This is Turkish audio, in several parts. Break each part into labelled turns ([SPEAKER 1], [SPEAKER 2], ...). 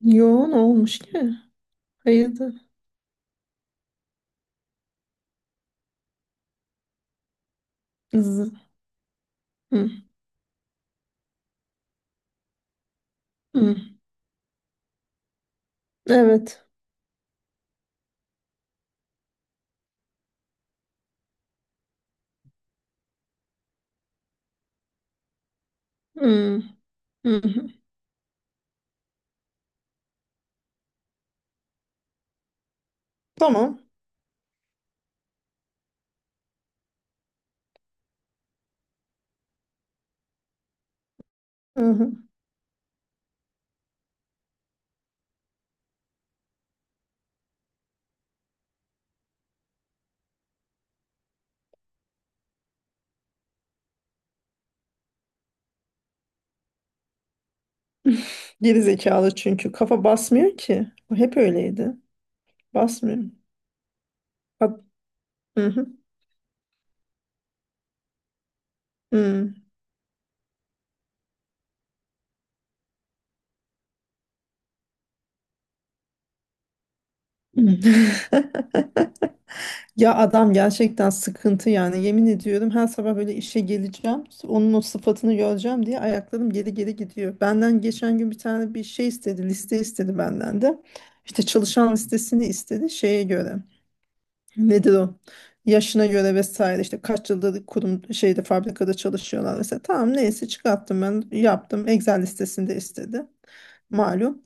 [SPEAKER 1] Yo, ne olmuş ki? Hayırdır? Z- Hı, hı. Evet. Hı, hı, hı. Tamam. Hı, hı. Geri zekalı, çünkü kafa basmıyor ki. O hep öyleydi. Basmıyor. Hat- Hı, hı, hı, hı. Ya adam gerçekten sıkıntı yani, yemin ediyorum, her sabah böyle işe geleceğim, onun o sıfatını göreceğim diye ayaklarım geri geri gidiyor. Benden geçen gün bir şey istedi, liste istedi benden, de işte çalışan listesini istedi şeye göre. Nedir o? Yaşına göre vesaire, işte kaç yıldır kurum şeyde fabrikada çalışıyorlar vesaire. Tamam, neyse çıkarttım, ben yaptım. Excel listesinde istedi, malum.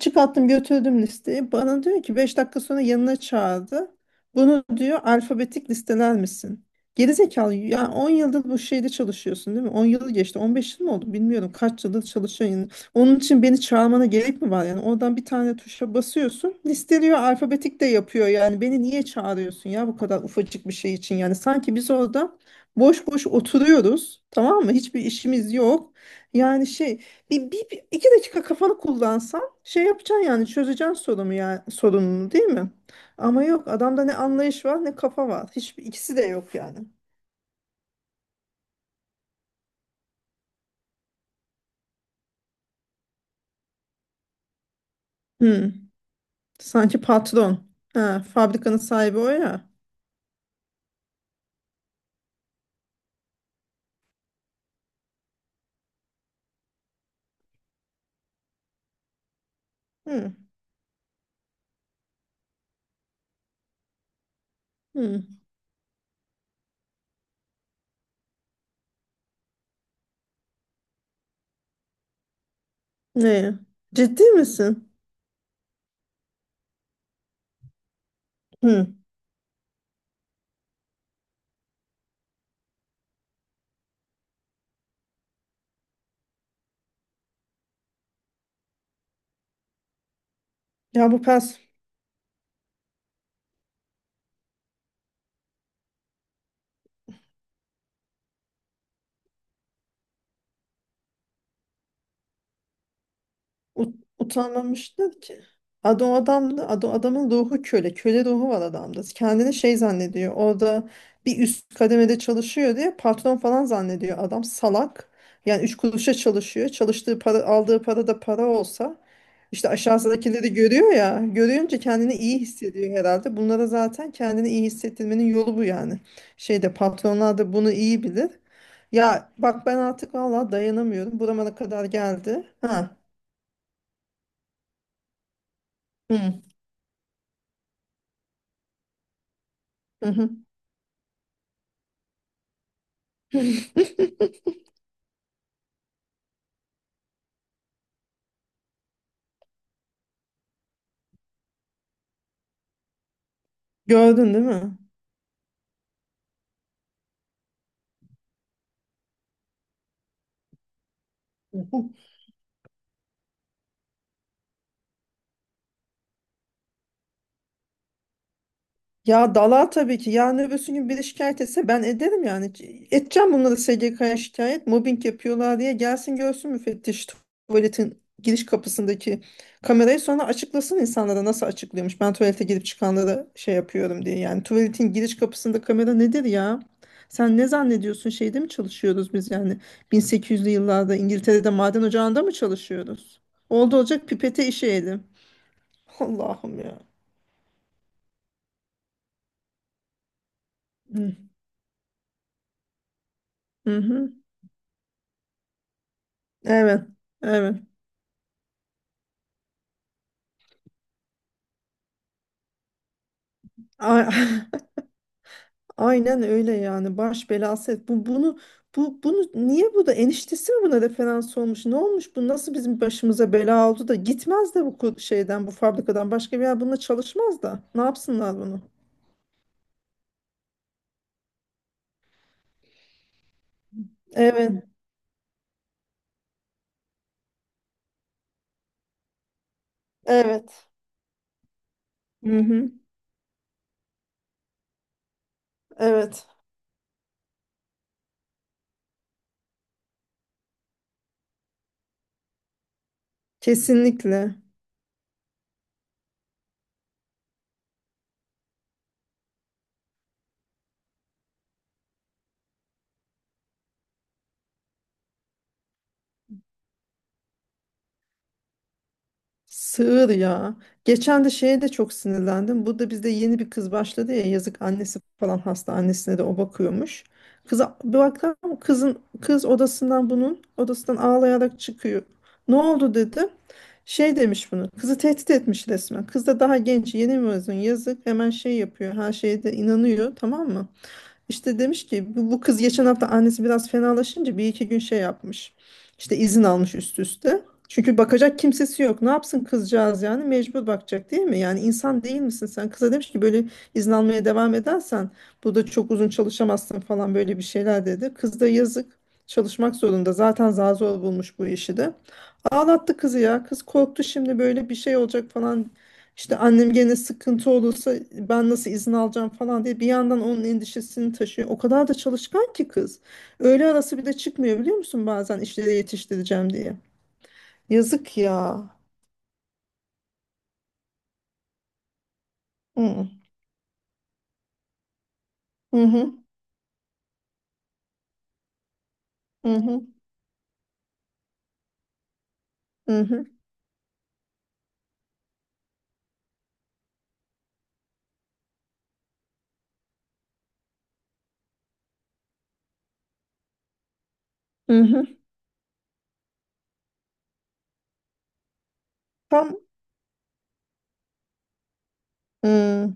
[SPEAKER 1] Çıkarttım, götürdüm listeyi. Bana diyor ki, 5 dakika sonra yanına çağırdı. Bunu diyor alfabetik listeler misin? Gerizekalı ya, 10 yıldır bu şeyde çalışıyorsun değil mi? 10 yıl geçti. 15 yıl mı oldu bilmiyorum. Kaç yıldır çalışıyorsun. Yani onun için beni çağırmana gerek mi var? Yani oradan bir tane tuşa basıyorsun. Listeliyor, alfabetik de yapıyor. Yani beni niye çağırıyorsun ya bu kadar ufacık bir şey için? Yani sanki biz orada boş boş oturuyoruz. Tamam mı? Hiçbir işimiz yok. Yani şey, iki dakika kafanı kullansan şey yapacaksın yani, çözeceksin sorunu, ya sorununu değil mi? Ama yok, adamda ne anlayış var ne kafa var. Hiçbir, ikisi de yok yani. Hmm. Sanki patron. Ha, fabrikanın sahibi o ya. Hmm. Hmm. Ne? Ciddi misin? Hmm. Ya bu pers Ut utanmamışlar ki. Adam adamdı adam, adamın ruhu köle. Köle ruhu var adamda. Kendini şey zannediyor. Orada bir üst kademede çalışıyor diye patron falan zannediyor. Adam salak. Yani üç kuruşa çalışıyor. Çalıştığı para, aldığı para da para olsa işte aşağısındakileri görüyor ya. Görünce kendini iyi hissediyor herhalde. Bunlara zaten kendini iyi hissettirmenin yolu bu yani. Şeyde patronlar da bunu iyi bilir. Ya bak, ben artık vallahi dayanamıyorum. Buramana kadar geldi. Ha. Hı. Hı hı. Gördün değil mi? Hı hı. Ya dala tabii ki. Yarın öbürsü gün biri şikayet etse ben ederim yani. Edeceğim bunları SGK'ya şikayet. Mobbing yapıyorlar diye gelsin görsün müfettiş tuvaletin giriş kapısındaki kamerayı, sonra açıklasın insanlara nasıl açıklıyormuş. Ben tuvalete girip çıkanlara şey yapıyorum diye. Yani tuvaletin giriş kapısında kamera nedir ya? Sen ne zannediyorsun, şeyde mi çalışıyoruz biz yani? 1800'lü yıllarda İngiltere'de maden ocağında mı çalışıyoruz? Oldu olacak pipete işeyelim. Allah'ım ya. Hı hı. hı. Evet. Evet. A- Aynen öyle yani, baş belası et. Bu bunu niye, bu da eniştesi mi buna referans olmuş? Ne olmuş bu? Nasıl bizim başımıza bela oldu da gitmez de bu şeyden, bu fabrikadan başka bir yer bununla çalışmaz da. Ne yapsınlar bunu? Evet. Evet. Hı hı. Evet. Kesinlikle. Sığır ya. Geçen de şeye de çok sinirlendim. Burada bizde yeni bir kız başladı ya, yazık, annesi falan hasta, annesine de o bakıyormuş. Kıza bir baktım, kızın kız odasından bunun odasından ağlayarak çıkıyor. Ne oldu dedim? Şey demiş bunu. Kızı tehdit etmiş resmen. Kız da daha genç, yeni mezun, yazık, hemen şey yapıyor, her şeye de inanıyor, tamam mı? İşte demiş ki, bu kız geçen hafta annesi biraz fenalaşınca bir iki gün şey yapmış. İşte izin almış üst üste. Çünkü bakacak kimsesi yok. Ne yapsın kızcağız yani? Mecbur bakacak değil mi? Yani insan değil misin sen? Kıza demiş ki böyle izin almaya devam edersen burada çok uzun çalışamazsın falan, böyle bir şeyler dedi. Kız da yazık, çalışmak zorunda. Zaten zar zor bulmuş bu işi de. Ağlattı kızı ya. Kız korktu, şimdi böyle bir şey olacak falan. İşte annem gene sıkıntı olursa ben nasıl izin alacağım falan diye bir yandan onun endişesini taşıyor. O kadar da çalışkan ki kız. Öğle arası bir de çıkmıyor biliyor musun, bazen işleri yetiştireceğim diye. Yazık ya. Hı hı hı hı hı hı. hı. Tam hı.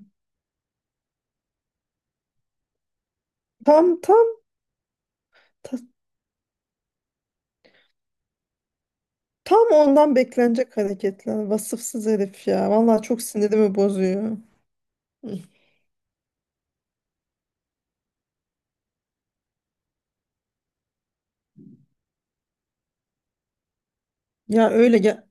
[SPEAKER 1] tam tam ta- tam ondan beklenecek hareketler. Vasıfsız herif ya. Vallahi çok sinirimi bozuyor. Hı. Ya öyle gel.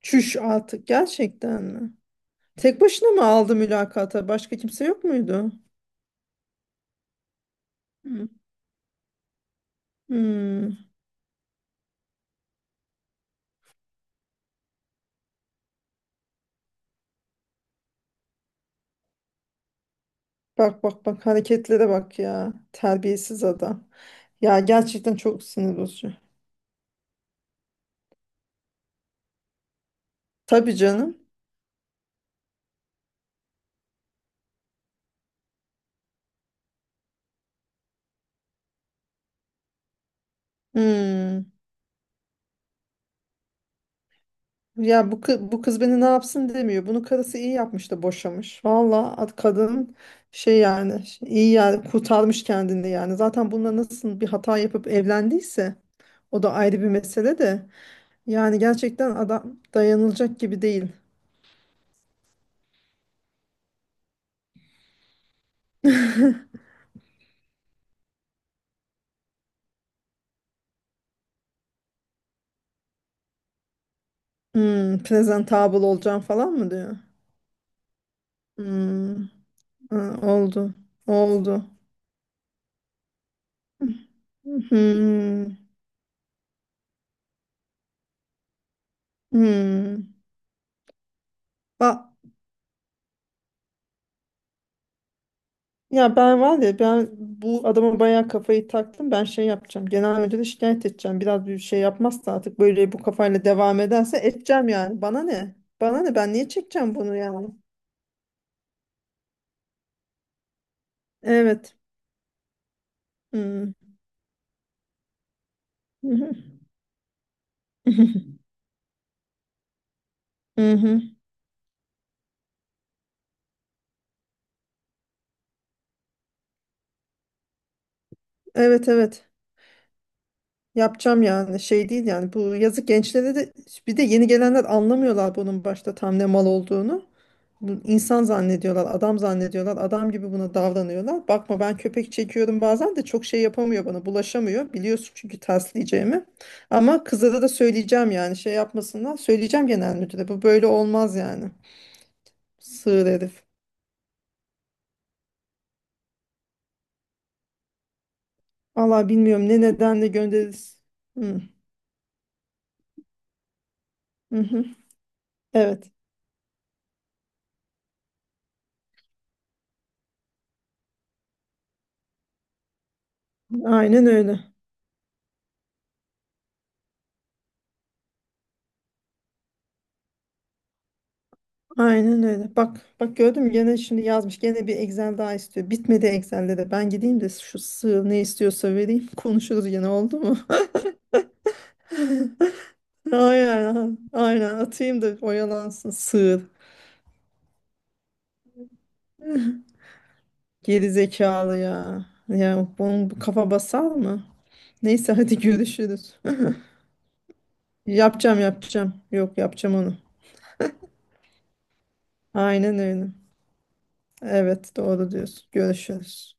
[SPEAKER 1] Çüş artık, gerçekten mi? Tek başına mı aldı mülakata? Başka kimse yok muydu? Hı. Hmm. Bak bak bak hareketlere bak ya. Terbiyesiz adam. Ya gerçekten çok sinir bozucu. Tabii canım. Hmm. Ya bu kız beni ne yapsın demiyor. Bunu karısı iyi yapmış da boşamış. Valla ad kadın, şey yani iyi yani, kurtarmış kendini yani. Zaten bununla nasıl bir hata yapıp evlendiyse o da ayrı bir mesele de. Yani gerçekten adam dayanılacak gibi değil. Hmm, presentable olacağım falan mı diyor? Hmm, ha, oldu. Oldu. Hmm, hmm. Ba- ya ben, var ya, ben bu adama bayağı kafayı taktım. Ben şey yapacağım. Genel müdüre şikayet edeceğim. Biraz bir şey yapmazsa artık, böyle bu kafayla devam ederse edeceğim yani. Bana ne? Bana ne? Ben niye çekeceğim bunu yani? Evet. Hmm. Hı hı. Evet evet. Yapacağım yani, şey değil yani, bu yazık gençlere de, bir de yeni gelenler anlamıyorlar bunun başta tam ne mal olduğunu. Bu insan zannediyorlar, adam zannediyorlar, adam gibi buna davranıyorlar. Bakma, ben köpek çekiyorum bazen de, çok şey yapamıyor bana, bulaşamıyor. Biliyorsun çünkü tersleyeceğimi. Ama kızlara da söyleyeceğim yani, şey yapmasınlar. Söyleyeceğim genel müdüre, bu böyle olmaz yani. Sığır herif. Valla bilmiyorum ne nedenle göndeririz. Hı, hı hı. Evet, aynen öyle. Aynen öyle. Bak bak, gördün mü, gene şimdi yazmış. Gene bir Excel daha istiyor. Bitmedi Excel'de de. Ben gideyim de şu sığ ne istiyorsa vereyim. Konuşuruz yine, oldu mu? Aynen. Aynen atayım da oyalansın sığır. Geri zekalı ya. Ya bunun bu kafa basar mı? Neyse hadi görüşürüz. Yapacağım, yapacağım. Yok, yapacağım onu. Aynen öyle. Evet doğru diyorsun. Görüşürüz.